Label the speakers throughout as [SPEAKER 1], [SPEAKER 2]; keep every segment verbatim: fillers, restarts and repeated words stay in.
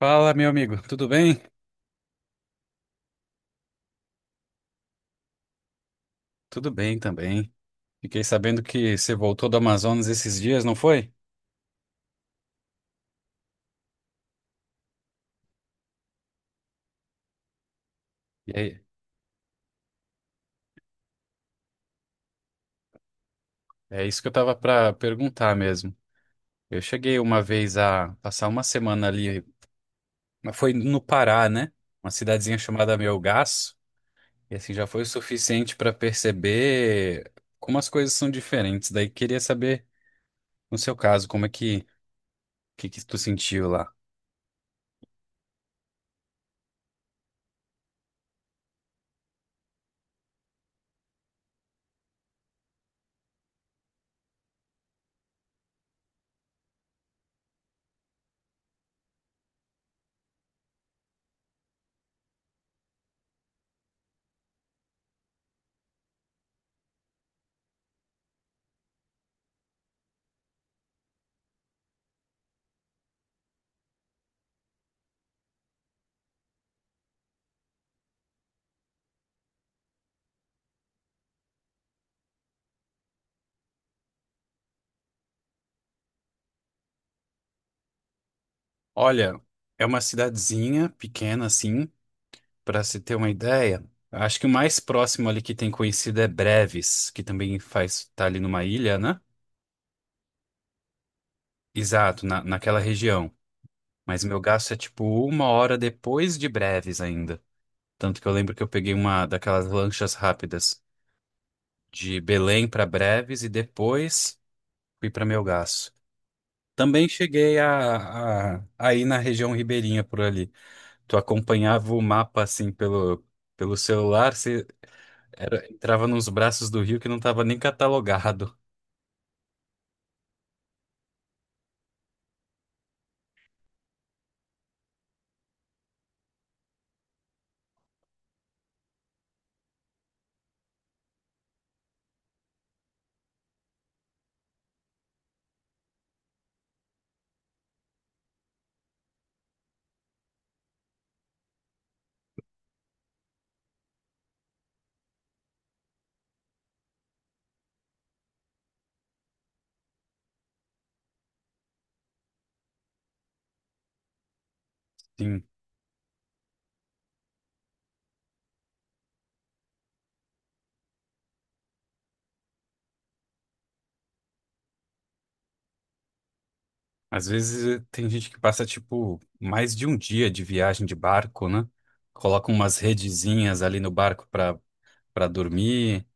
[SPEAKER 1] Fala, meu amigo, tudo bem? Tudo bem também. Fiquei sabendo que você voltou do Amazonas esses dias, não foi? E aí, é isso que eu tava para perguntar mesmo. Eu cheguei uma vez a passar uma semana ali, mas foi no Pará, né? Uma cidadezinha chamada Melgaço, e assim já foi o suficiente para perceber como as coisas são diferentes. Daí queria saber, no seu caso, como é que que, que tu sentiu lá? Olha, é uma cidadezinha pequena assim, para se ter uma ideia, acho que o mais próximo ali que tem conhecido é Breves, que também faz tá ali numa ilha, né? Exato, na, naquela região. Mas meu gasto é tipo uma hora depois de Breves ainda. Tanto que eu lembro que eu peguei uma daquelas lanchas rápidas de Belém para Breves e depois fui para Melgaço. Também cheguei a, a, a ir na região ribeirinha por ali. Tu acompanhava o mapa assim pelo, pelo celular. Era, entrava nos braços do rio que não estava nem catalogado. Sim. Às vezes eh, tem gente que passa, tipo, mais de um dia de viagem de barco, né? Coloca umas redezinhas ali no barco para para dormir.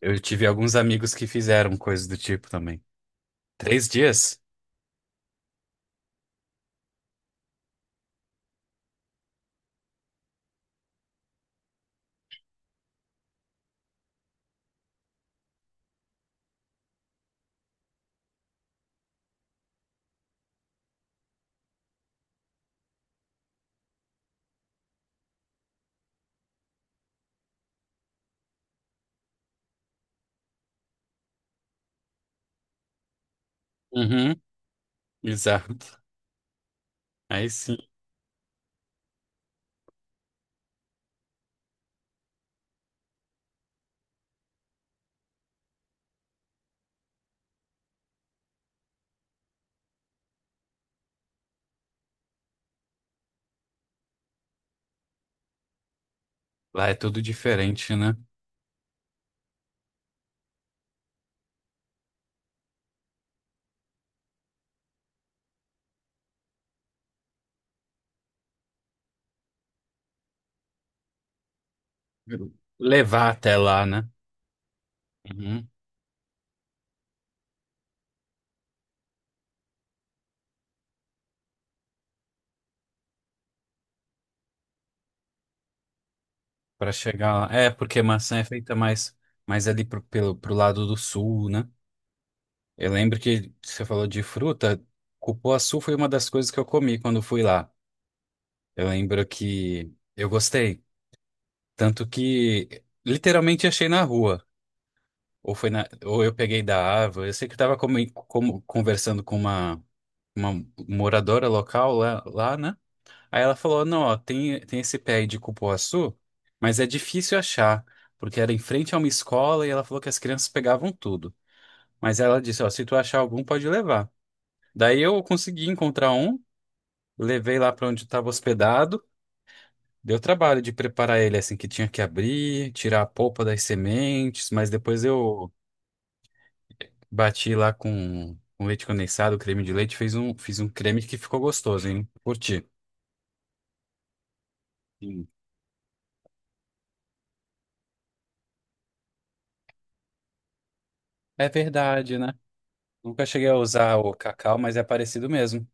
[SPEAKER 1] Eu tive alguns amigos que fizeram coisas do tipo também. Três dias? Uhum, exato. Aí sim. Lá é tudo diferente, né? Levar até lá, né? Uhum, para chegar lá. É, porque maçã é feita mais, mais ali pro, pelo, pro lado do sul, né? Eu lembro que você falou de fruta, cupuaçu foi uma das coisas que eu comi quando fui lá. Eu lembro que eu gostei, tanto que literalmente achei na rua, ou foi na, ou eu peguei da árvore. Eu sei que eu estava conversando com uma, uma moradora local lá, lá, né? Aí ela falou: "Não, ó, tem tem esse pé aí de cupuaçu, mas é difícil achar, porque era em frente a uma escola e ela falou que as crianças pegavam tudo." Mas ela disse: "Ó, se tu achar algum, pode levar." Daí eu consegui encontrar um, levei lá para onde estava hospedado. Deu trabalho de preparar ele assim que tinha que abrir, tirar a polpa das sementes, mas depois eu bati lá com, com leite condensado, creme de leite, fez um, fiz um creme que ficou gostoso, hein? Curti. Sim. É verdade, né? Nunca cheguei a usar o cacau, mas é parecido mesmo.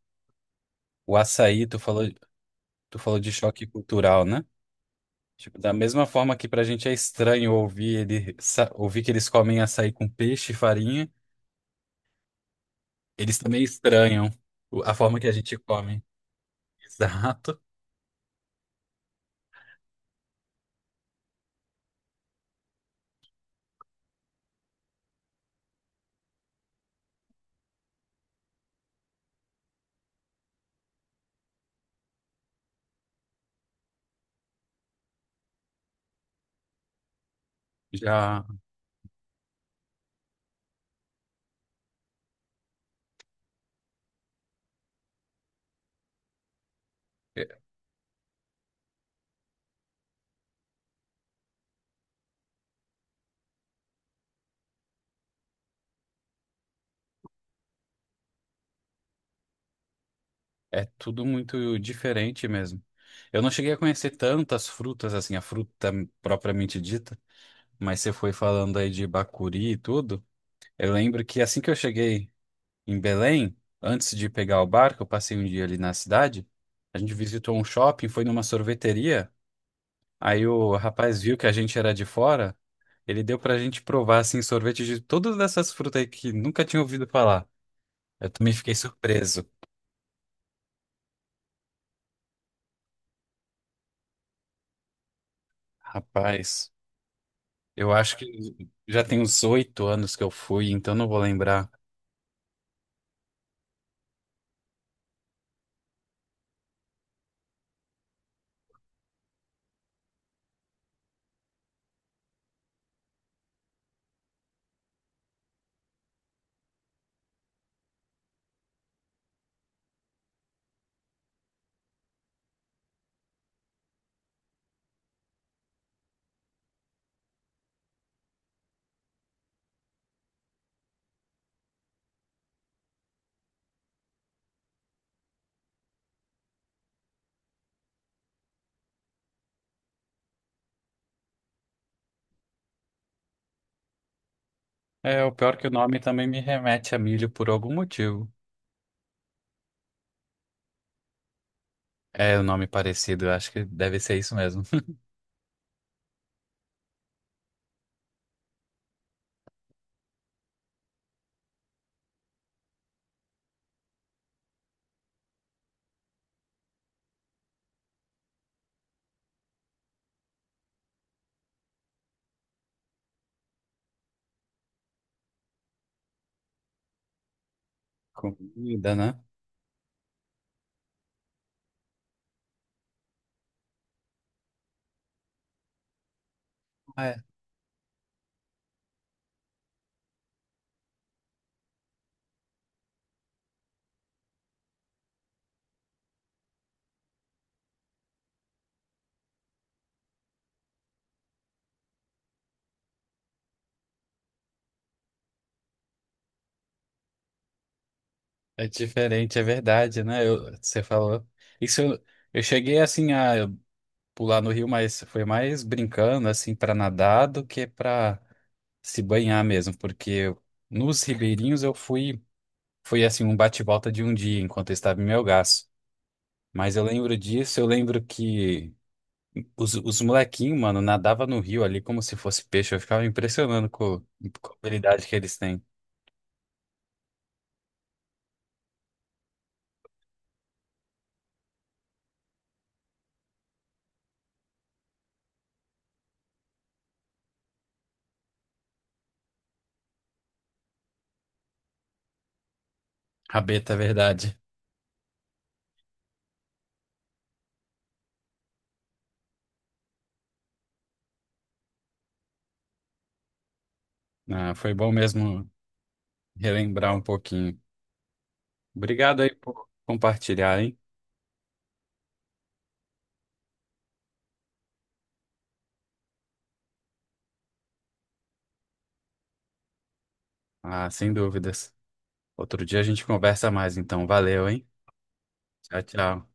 [SPEAKER 1] O açaí, tu falou, tu falou de choque cultural, né? Tipo, da mesma forma que pra gente é estranho ouvir ele, sa- ouvir que eles comem açaí com peixe e farinha, eles também estranham o- a forma que a gente come. Exato. Já é é tudo muito diferente mesmo. Eu não cheguei a conhecer tantas frutas, assim, a fruta propriamente dita, mas você foi falando aí de bacuri e tudo. Eu lembro que assim que eu cheguei em Belém, antes de pegar o barco, eu passei um dia ali na cidade, a gente visitou um shopping, foi numa sorveteria. Aí o rapaz viu que a gente era de fora, ele deu pra gente provar, assim, sorvete de todas essas frutas aí que nunca tinha ouvido falar. Eu também fiquei surpreso. Rapaz, eu acho que já tem uns oito anos que eu fui, então não vou lembrar. É, o pior é que o nome também me remete a milho por algum motivo. É, o nome parecido, eu acho que deve ser isso mesmo. Comida, né? É, é diferente, é verdade, né? Eu- você falou. Isso eu, eu cheguei assim a pular no rio, mas foi mais brincando assim para nadar do que para se banhar mesmo, porque nos ribeirinhos eu fui, foi assim um bate-volta de um dia enquanto eu estava em Melgaço. Mas eu lembro disso, eu lembro que os, os molequinhos, mano, nadava no rio ali como se fosse peixe. Eu ficava impressionando com, com a habilidade que eles têm. Rabeta, é verdade. Ah, foi bom mesmo relembrar um pouquinho. Obrigado aí por compartilhar, hein? Ah, sem dúvidas. Outro dia a gente conversa mais, então. Valeu, hein? Tchau, tchau.